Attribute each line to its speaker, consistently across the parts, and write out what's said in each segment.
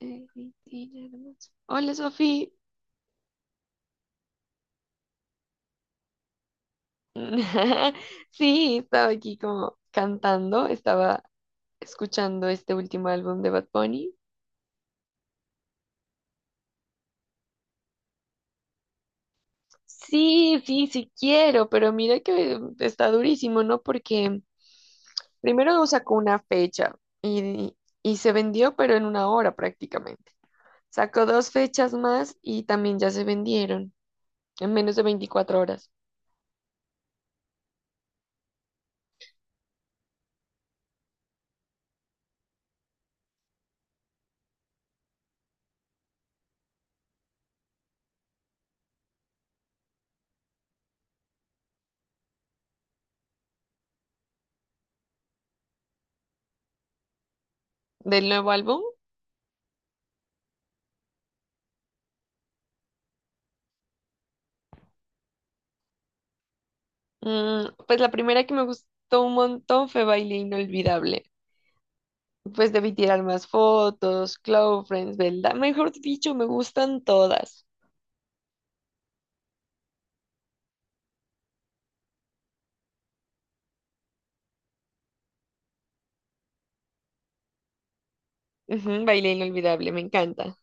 Speaker 1: Cristina Hermoso. Hola, Sofi. Sí, estaba aquí como cantando, estaba escuchando este último álbum de Bad Bunny. Sí, sí, sí quiero, pero mira que está durísimo, ¿no? Porque primero no sacó una fecha y, y se vendió, pero en una hora prácticamente. Sacó dos fechas más y también ya se vendieron en menos de 24 horas. Del nuevo álbum. Pues la primera que me gustó un montón fue Baile Inolvidable. Pues debí tirar más fotos, Close Friends, ¿verdad? Mejor dicho, me gustan todas. Ujú, Baile Inolvidable, me encanta.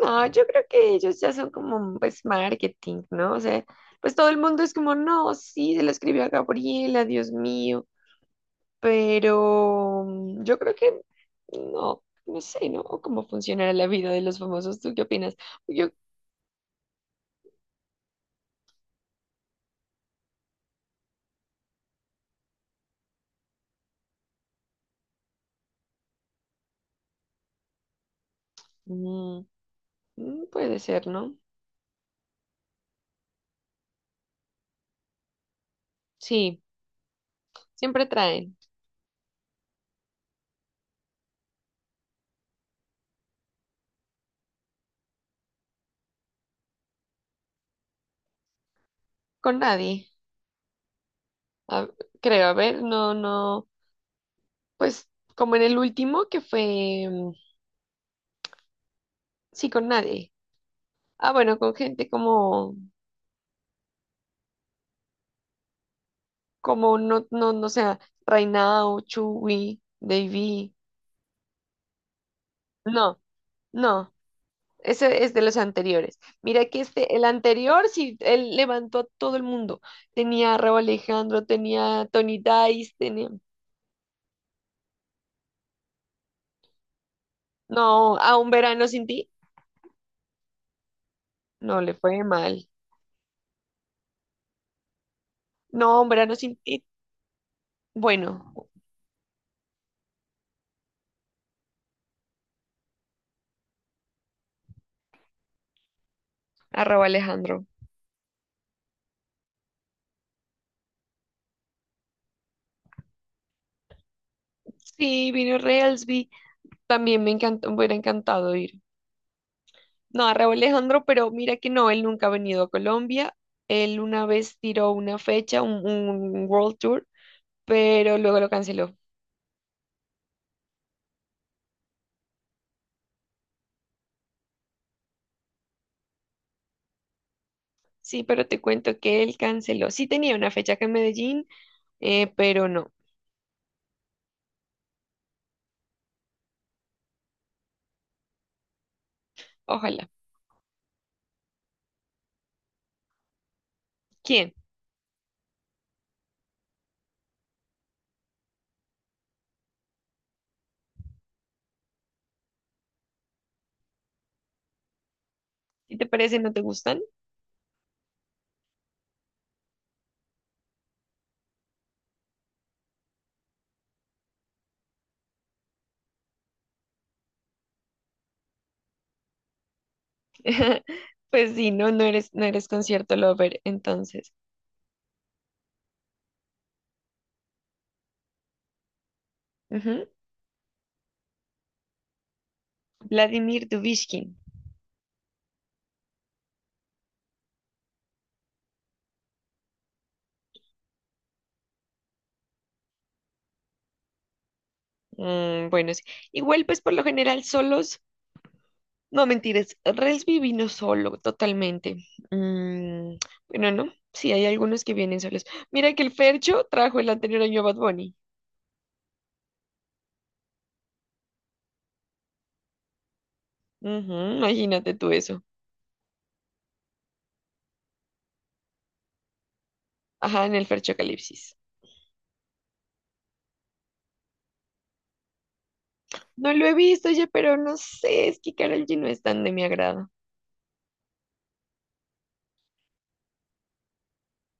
Speaker 1: No, yo creo que ellos ya son como, pues, marketing, ¿no? O sea, pues todo el mundo es como, no, sí, se la escribió a Gabriela, Dios mío. Pero yo creo que no, no sé, ¿no? O cómo funcionará la vida de los famosos. ¿Tú qué opinas? Yo, mm, puede ser, ¿no? Sí, siempre traen. Con nadie. a- Creo, a ver, no, no. Pues como en el último que fue. Mm, sí, con nadie. Ah, bueno, con gente como. Como no, no, no sé, Reinao, Chuwi, Davy. No, no. Ese es de los anteriores. Mira que este, el anterior, sí, él levantó a todo el mundo. Tenía a Rauw Alejandro, tenía a Tony Dice, tenía. No, a un verano sin ti. No le fue mal. No, un verano sin ti. Bueno, arroba Alejandro. Sí, vino Reelsby. También me encantó, me hubiera encantado ir. No, arroba Alejandro, pero mira que no, él nunca ha venido a Colombia. Él una vez tiró una fecha, un World Tour, pero luego lo canceló. Sí, pero te cuento que él canceló. Sí tenía una fecha acá en Medellín, pero no. Ojalá. ¿Quién? Si te parece, no te gustan. Pues sí, no, no eres concierto lover, entonces. Ujú. Vladimir Dubishkin. Mm, bueno, sí. Igual, pues por lo general solos, no mentiras, Relsby vino solo, totalmente. Mm, bueno, no, sí, hay algunos que vienen solos. Mira que el Fercho trajo el anterior año a Bad Bunny. Ujú, imagínate tú eso. Ajá, en el Fercho Calipsis. No lo he visto, oye, pero no sé, es que Karol G no es tan de mi agrado.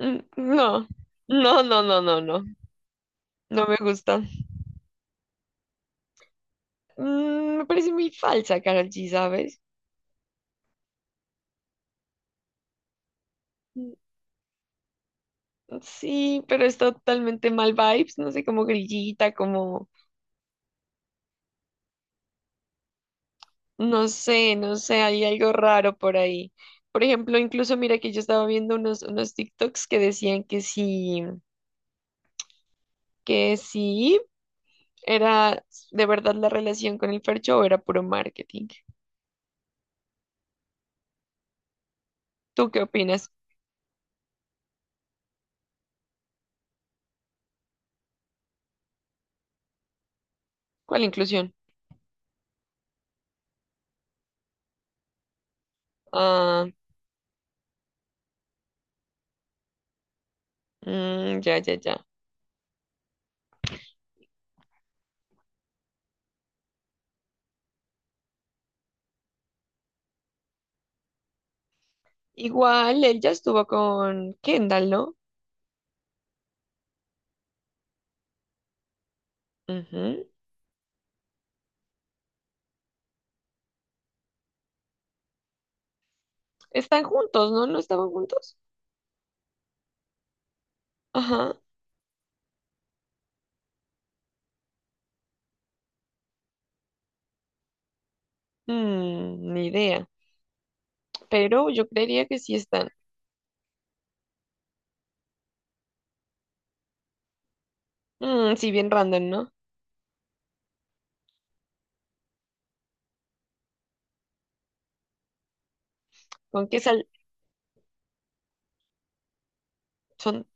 Speaker 1: No, no, no, no, no, no, no me gusta. Me parece muy falsa Karol G, ¿sabes? Sí, pero es totalmente mal vibes, no sé, como grillita, como, no sé, no sé, hay algo raro por ahí. Por ejemplo, incluso mira que yo estaba viendo unos TikToks que decían que sí era de verdad la relación con el Fercho o era puro marketing. ¿Tú qué opinas? ¿Cuál inclusión? Ah, mm, ya, ya, ya. Igual, él ya estuvo con Kendall, ¿no? Ujú. Están juntos, ¿no? ¿No estaban juntos? Ajá. Ni idea. Pero yo creería que sí están. Mm, sí, bien random, ¿no? ¿Con qué sal? Son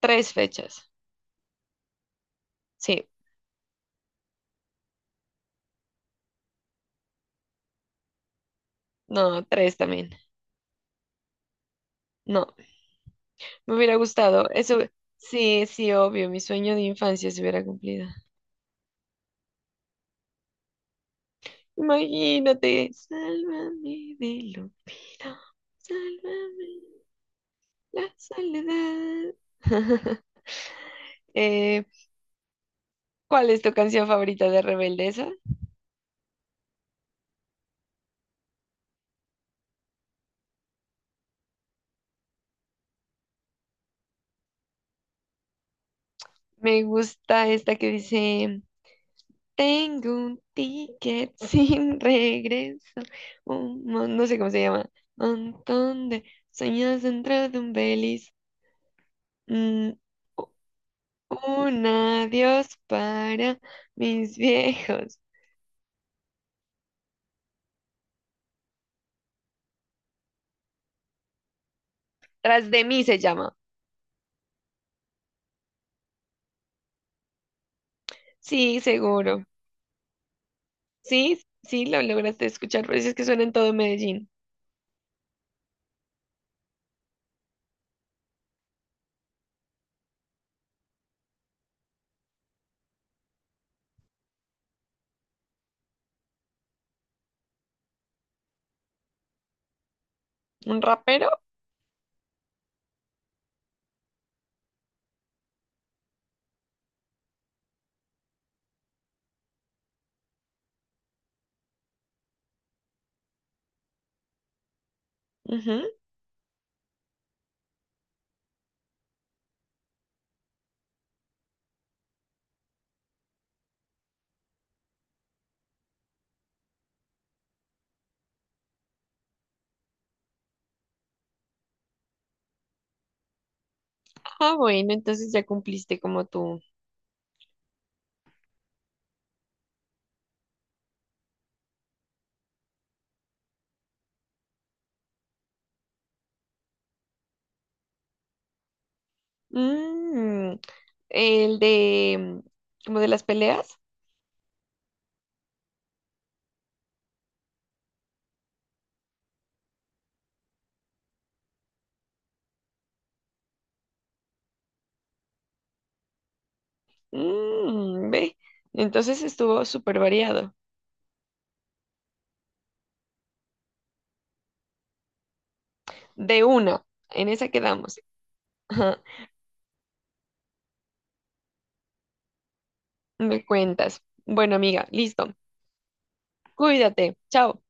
Speaker 1: tres fechas. Sí, no, tres también. No, me hubiera gustado. Eso, sí, sí, obvio. Mi sueño de infancia se hubiera cumplido. Imagínate. Sálvame del olvido. Sálvame la soledad. Eh, ¿Cuál es tu canción favorita de Rebeldeza? Me gusta esta que dice. Tengo un ticket sin regreso. No sé cómo se llama. Montón de sueños dentro de un belis. Mm, u- un adiós para mis viejos. Tras de mí se llama. Sí, seguro. Sí, sí, lo lograste escuchar, pero es que suena en todo Medellín. ¿Un rapero? Ujú. Ah, bueno, entonces ya cumpliste como tú. Mm, el de, mm, como de las peleas. Mm, ve. Entonces estuvo súper variado. De una, en esa quedamos. Ajá, me cuentas. Bueno, amiga, listo. Cuídate. Chao.